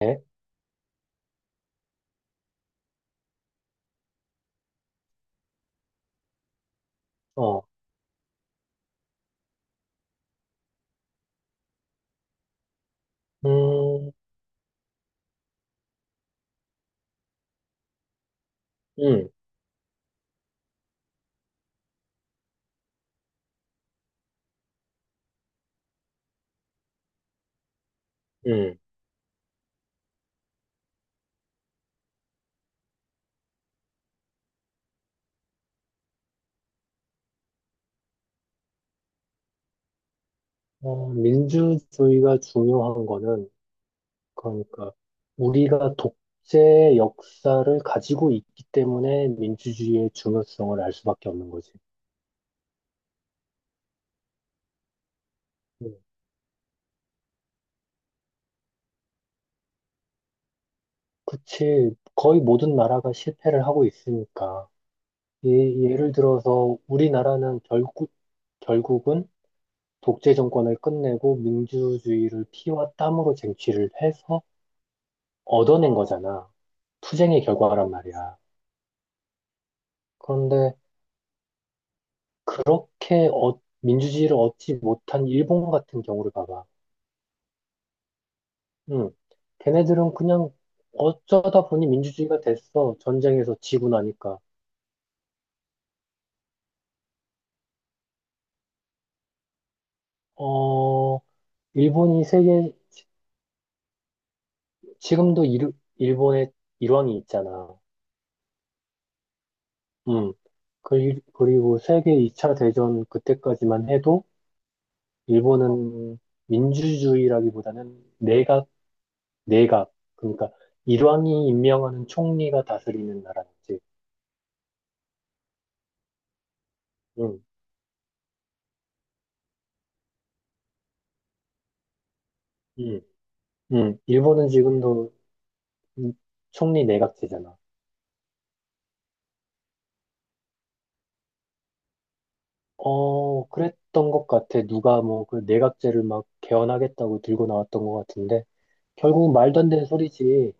네. 어, 음, 음, 음. 민주주의가 중요한 거는, 그러니까, 우리가 독재 역사를 가지고 있기 때문에 민주주의의 중요성을 알 수밖에 없는 거지. 음. 그치. 거의 모든 나라가 실패를 하고 있으니까. 예, 예를 들어서, 결국은 독재 정권을 끝내고 민주주의를 피와 땀으로 쟁취를 해서 얻어낸 거잖아. 투쟁의 결과란 말이야. 그런데 그렇게 민주주의를 얻지 못한 일본 같은 경우를 봐봐. 음, 걔네들은 그냥 어쩌다 보니 민주주의가 됐어. 전쟁에서 지고 나니까. 어, 일본이 세계, 지금도 일, 일본의 일왕이 있잖아. 음, 그리고 세계 2차 대전 그때까지만 해도 일본은 민주주의라기보다는 내각, 내각. 그러니까 일왕이 임명하는 총리가 다스리는 나라지. 음. 음. 일본은 지금도 음, 총리 내각제잖아. 어, 그랬던 것 같아. 누가 뭐 그 내각제를 막 개헌하겠다고 들고 나왔던 것 같은데. 결국은 말도 안 되는 소리지.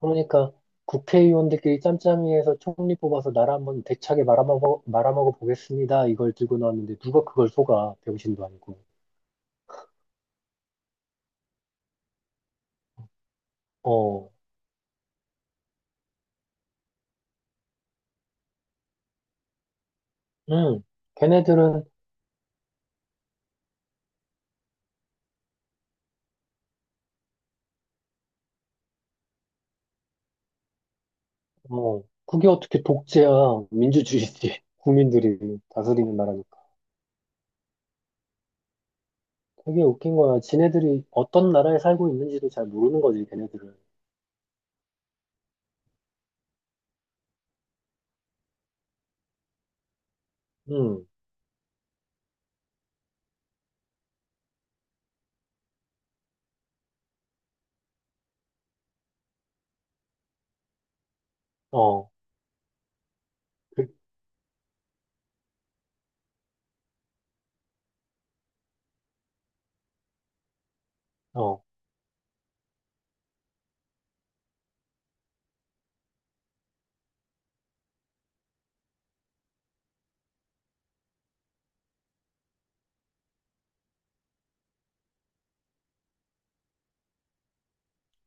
그러니까 국회의원들끼리 짬짬이해서 총리 뽑아서 나라 한번 대차게 말아먹어, 말아먹어 보겠습니다. 이걸 들고 나왔는데 누가 그걸 속아. 병신도 아니고. 어, 음, 걔네들은, 어, 그게 어떻게 독재야. 민주주의지. 국민들이 다스리는 나라니까. 되게 웃긴 거야. 지네들이 어떤 나라에 살고 있는지도 잘 모르는 거지, 걔네들은. 음, 어, 그, 어,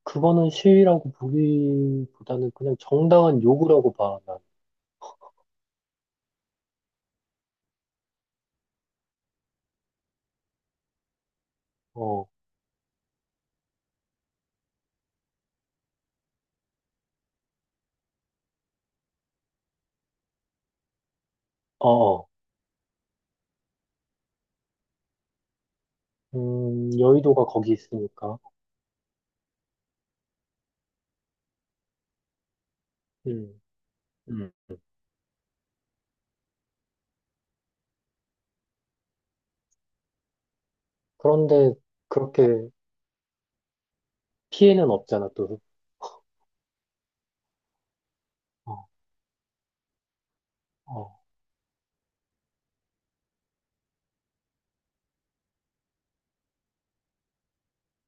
그거는 시위라고 보기보다는 그냥 정당한 요구라고 봐, 난. 어, 어, 어. 여의도가 거기 있으니까. 음, 음. 그런데 그렇게 피해는 없잖아, 또. 어, 어,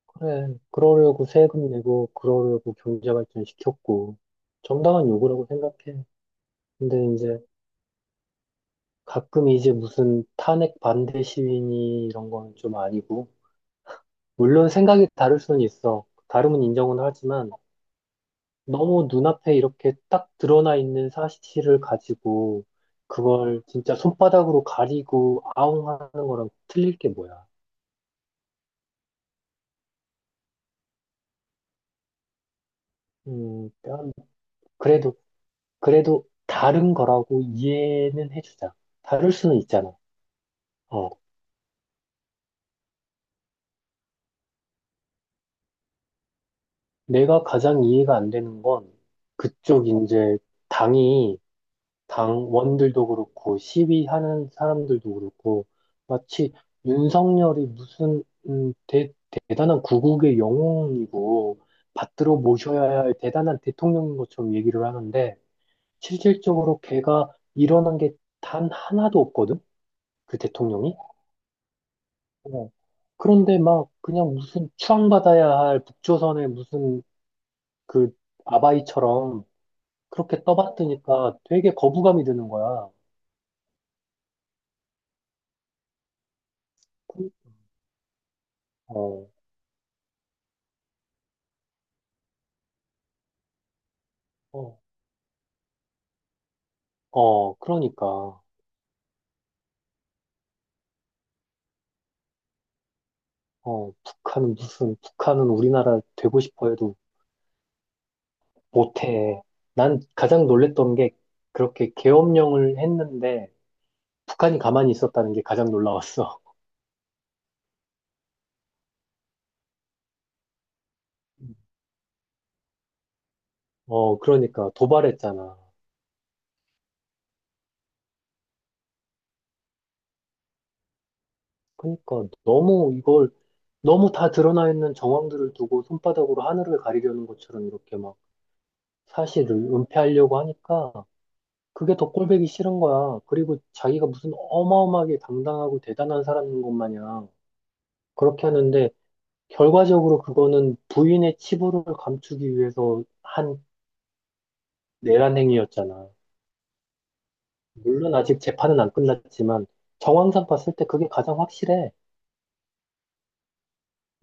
그래. 그러려고 세금 내고, 그러려고 경제 발전 시켰고, 정당한 요구라고 생각해. 근데 이제 가끔 이제 무슨 탄핵 반대 시위니 이런 거는 좀 아니고, 물론 생각이 다를 수는 있어. 다름은 인정은 하지만, 너무 눈앞에 이렇게 딱 드러나 있는 사실을 가지고, 그걸 진짜 손바닥으로 가리고 아웅 하는 거랑 틀릴 게 뭐야. 그냥 그래도, 그래도 다른 거라고 이해는 해주자. 다를 수는 있잖아. 어, 내가 가장 이해가 안 되는 건, 그쪽 이제 당이 당원들도 그렇고 시위하는 사람들도 그렇고 마치 윤석열이 무슨 음, 대, 대단한 구국의 영웅이고 받들어 모셔야 할 대단한 대통령인 것처럼 얘기를 하는데 실질적으로 걔가 일어난 게 단 하나도 없거든 그 대통령이 어. 그런데 막 그냥 무슨 추앙받아야 할 북조선의 무슨 그 아바이처럼 그렇게 떠받드니까 되게 거부감이 드는 거야. 그- 어. 어. 어, 그러니까. 어, 북한은 무슨, 북한은 우리나라 되고 싶어 해도 못해. 난 가장 놀랬던 게 그렇게 계엄령을 했는데 북한이 가만히 있었다는 게 가장 놀라웠어. 어, 그러니까 도발했잖아. 그러니까 너무 이걸 너무 다 드러나 있는 정황들을 두고 손바닥으로 하늘을 가리려는 것처럼 이렇게 막 사실을 은폐하려고 하니까 그게 더 꼴보기 싫은 거야. 그리고 자기가 무슨 어마어마하게 당당하고 대단한 사람인 것 마냥 그렇게 하는데 결과적으로 그거는 부인의 치부를 감추기 위해서 한 내란 행위였잖아. 물론 아직 재판은 안 끝났지만 정황상 봤을 때 그게 가장 확실해.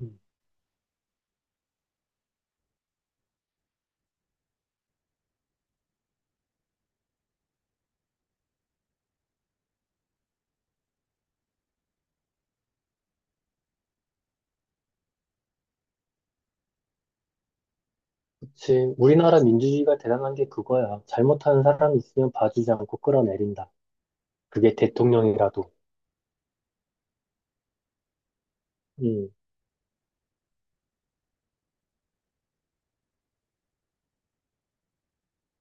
음, 그치. 우리나라 민주주의가 대단한 게 그거야. 잘못하는 사람이 있으면 봐주지 않고 끌어내린다. 그게 대통령이라도. 음,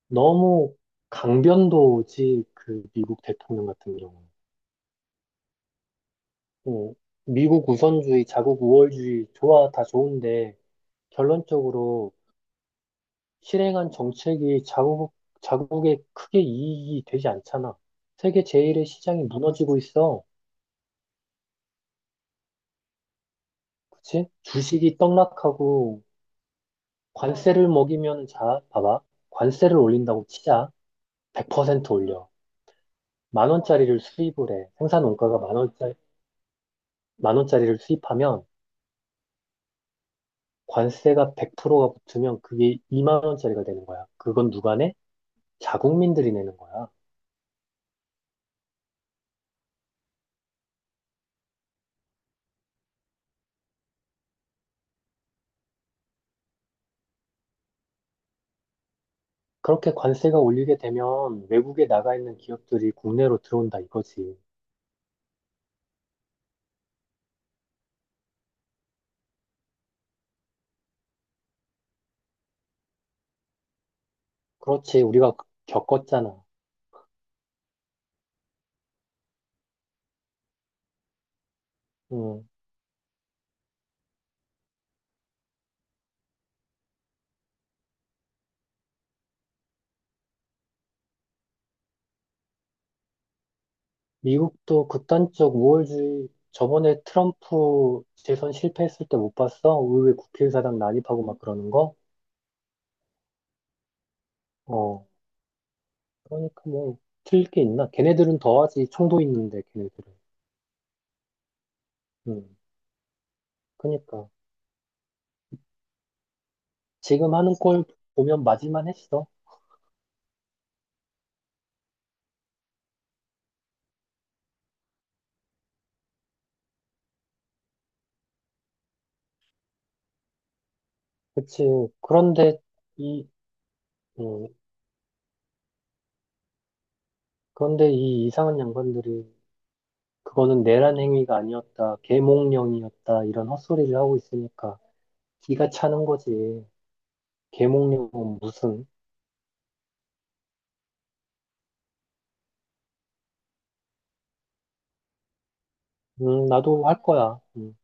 너무 강변도지 그 미국 대통령 같은 경우. 어, 미국 우선주의, 자국 우월주의 좋아 다 좋은데 결론적으로 실행한 정책이 자국, 자국에 크게 이익이 되지 않잖아. 세계 제일의 시장이 무너지고 있어. 그치? 주식이 떡락하고 관세를 먹이면 자, 봐봐. 관세를 올린다고 치자. 100% 올려. 만 원짜리를 수입을 해. 생산 원가가 만 원짜리, 만 원짜리를 수입하면 관세가 100%가 붙으면 그게 2만 원짜리가 되는 거야. 그건 누가 내? 자국민들이 내는 거야. 그렇게 관세가 올리게 되면 외국에 나가 있는 기업들이 국내로 들어온다 이거지. 그렇지. 우리가 겪었잖아. 음. 미국도 극단적 우월주의 저번에 트럼프 재선 실패했을 때 못 봤어? 의회 국회의사당 난입하고 막 그러는 거? 어. 그러니까 뭐 틀릴 게 있나? 걔네들은 더하지. 총도 있는데 걔네들은. 음. 그러니까 지금 하는 꼴 보면 맞을만 했어. 그치. 그런데 이 음. 그런데 이 이상한 양반들이 그거는 내란 행위가 아니었다. 계몽령이었다. 이런 헛소리를 하고 있으니까 기가 차는 거지. 계몽룡은 무슨, 나도 할 거야.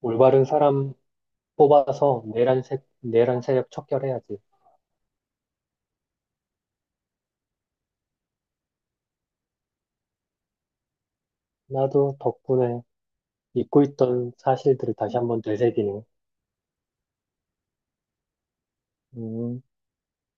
올바른 사람 뽑아서 내란 세력 척결해야지. 나도 덕분에 잊고 있던 사실들을 다시 한번 되새기네. 음.